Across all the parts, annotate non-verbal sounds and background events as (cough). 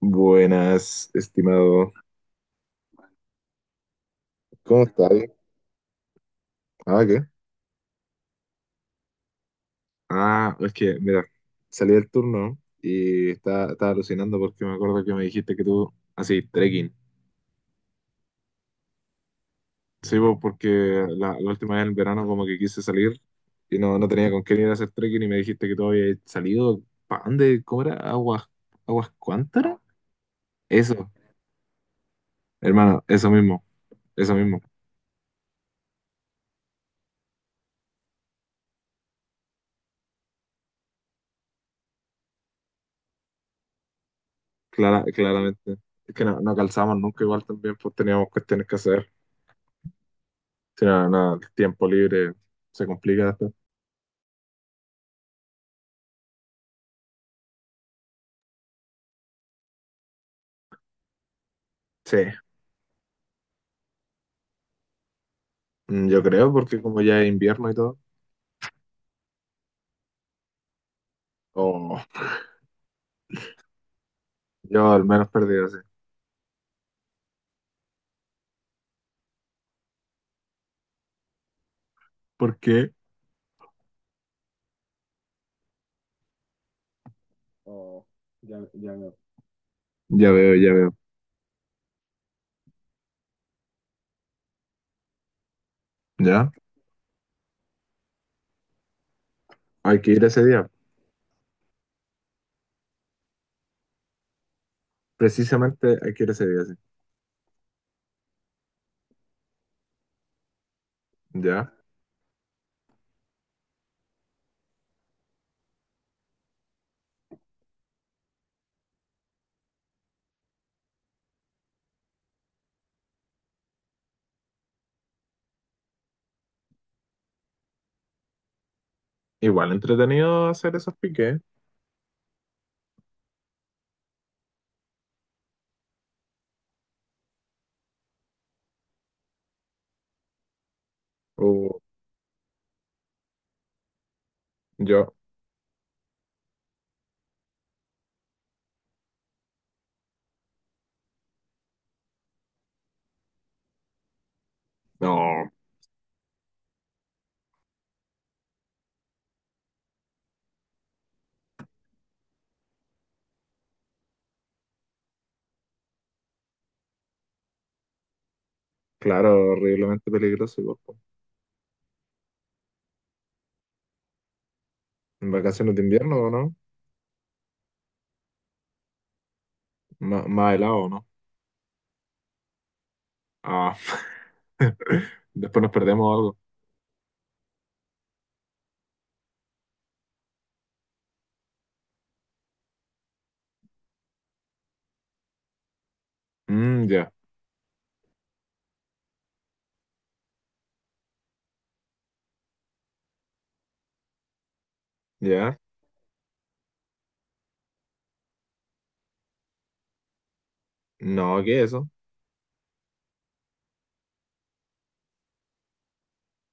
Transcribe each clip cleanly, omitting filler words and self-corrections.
Buenas, estimado. ¿Cómo estás? Ah, ¿qué? Ah, es que, mira, salí del turno y estaba alucinando porque me acuerdo que me dijiste que tú, así, trekking. Sí, pues, porque la última vez en el verano como que quise salir y no tenía con quién ir a hacer trekking y me dijiste que tú habías salido, ¿para dónde? ¿Cómo era? ¿Aguas cuántaras? Eso, hermano, eso mismo, claramente. Es que no calzamos nunca igual también, pues teníamos cuestiones que hacer. Si no, no, el tiempo libre se complica después. Sí, mm, yo creo porque como ya es invierno y todo, o yo al menos perdido, sí. ¿Por qué? Oh, ya, ya veo. Ya veo, ya veo. Ya, hay que ir ese día. Precisamente hay que ir ese día, sí. Ya. Igual entretenido hacer esos piques. O yo. No, claro, horriblemente peligroso, igual, po. En vacaciones de invierno, ¿o no? Ma- más helado, ¿o no? Ah. (laughs) Después nos perdemos algo. Mm, ya, ya. No, ¿qué es eso?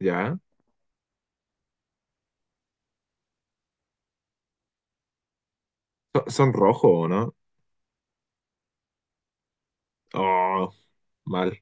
Ya. Son, son rojos, ¿o no? Oh, mal.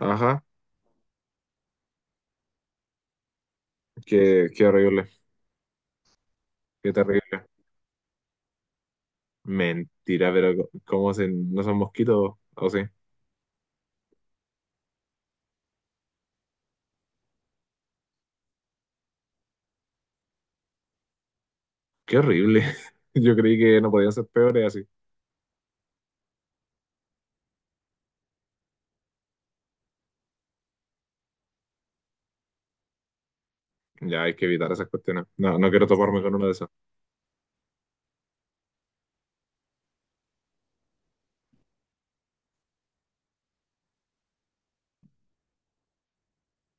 Ajá. Qué, qué horrible. Qué terrible. Mentira, pero co- ¿cómo se, no son mosquitos? ¿O sí? Qué horrible. (laughs) Yo creí que no podían ser peores así. Ya hay que evitar esas cuestiones. No quiero toparme con uno de esos.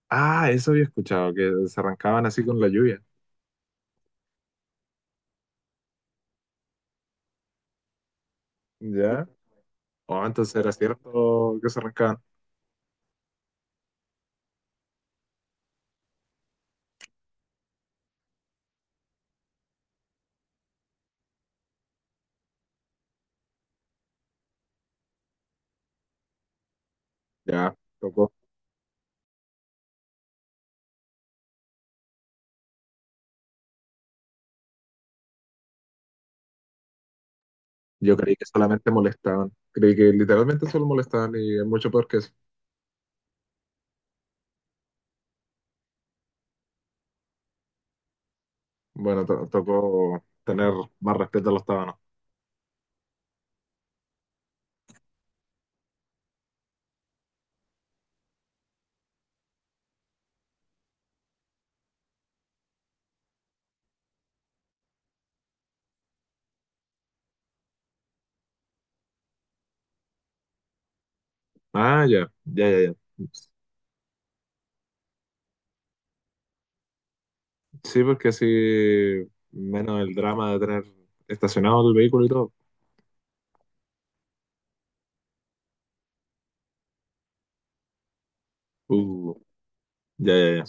Ah, eso había escuchado, que se arrancaban así con la lluvia. Ya. Oh, entonces era cierto que se arrancaban. Ya, tocó. Yo creí que solamente molestaban. Creí que literalmente solo molestaban y es mucho peor que eso. Bueno, to- tocó tener más respeto a los tábanos. Ah, ya, ya, ya, ya. Sí, porque así menos el drama de tener estacionado el vehículo y todo. Uh, ya, ya, ya.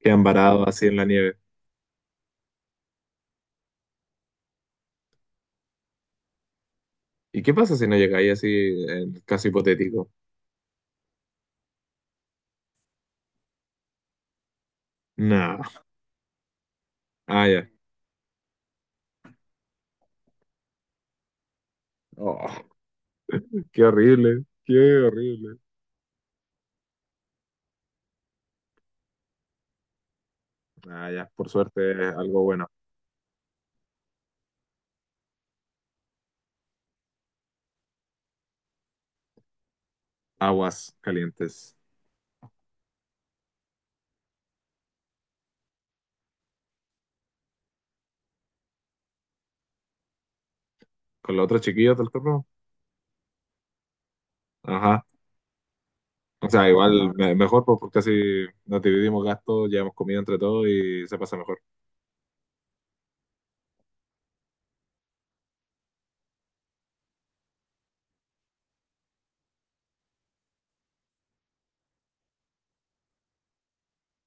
Quedan varados así en la nieve. ¿Y qué pasa si no llegáis así, en el caso hipotético? Nah. Ah, ya. Oh, qué horrible, qué horrible. Ah, ya, por suerte es algo bueno. Aguas calientes. ¿Con los otros chiquillos del turno? Ajá. O sea, igual me- mejor pues, porque así nos dividimos gastos, llevamos comida entre todos y se pasa mejor.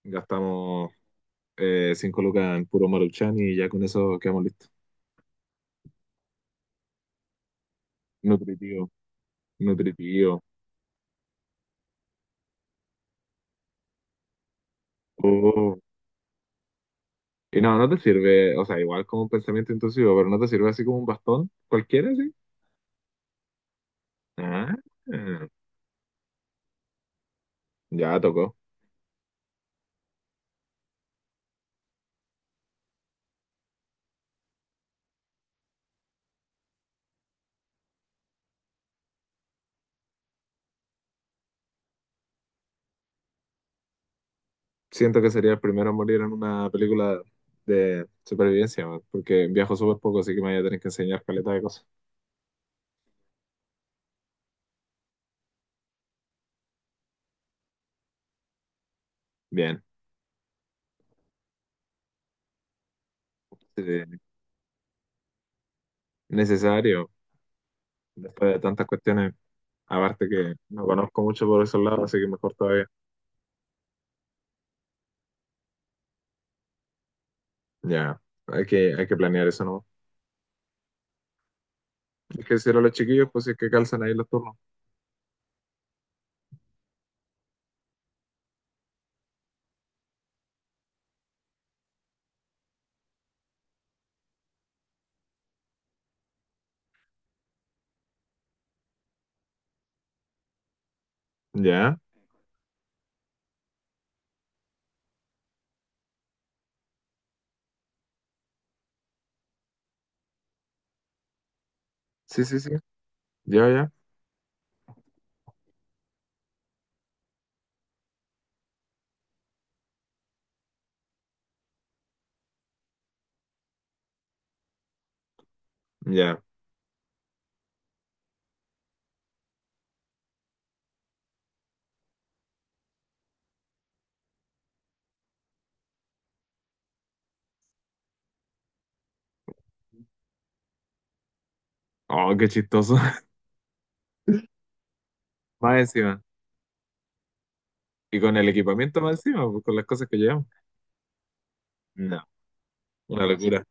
Gastamos cinco lucas en puro Maruchan y ya con eso quedamos listos. Nutritivo, nutritivo. Oh. Y no te sirve, o sea, igual como un pensamiento intrusivo, pero no te sirve así como un bastón cualquiera, ¿sí? Ah, ah, ya tocó. Siento que sería el primero en morir en una película de supervivencia, man, porque viajo súper poco, así que me voy a tener que enseñar caleta de cosas. Bien. Sí. Necesario, después de tantas cuestiones, aparte que no conozco mucho por esos lados, así que mejor todavía. Ya, hay que planear eso, ¿no? Hay que decirle a los chiquillos, pues si es que calzan ahí los turnos. Ya, sí, sí, sí, ya, ya, ya. Oh, qué chistoso. (laughs) Más encima. Y con el equipamiento más encima, pues, con las cosas que llevamos. No, una locura,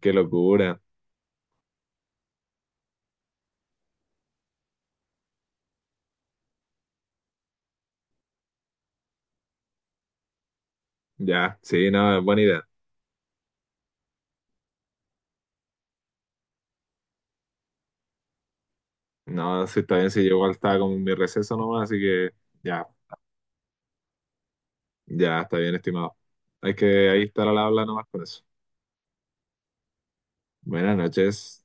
qué locura. Ya, sí, no, buena idea. No, sí, está bien, si yo igual estaba como en mi receso nomás, así que ya, ya, está bien, estimado. Hay que ahí estar al habla nomás con eso. Buenas noches.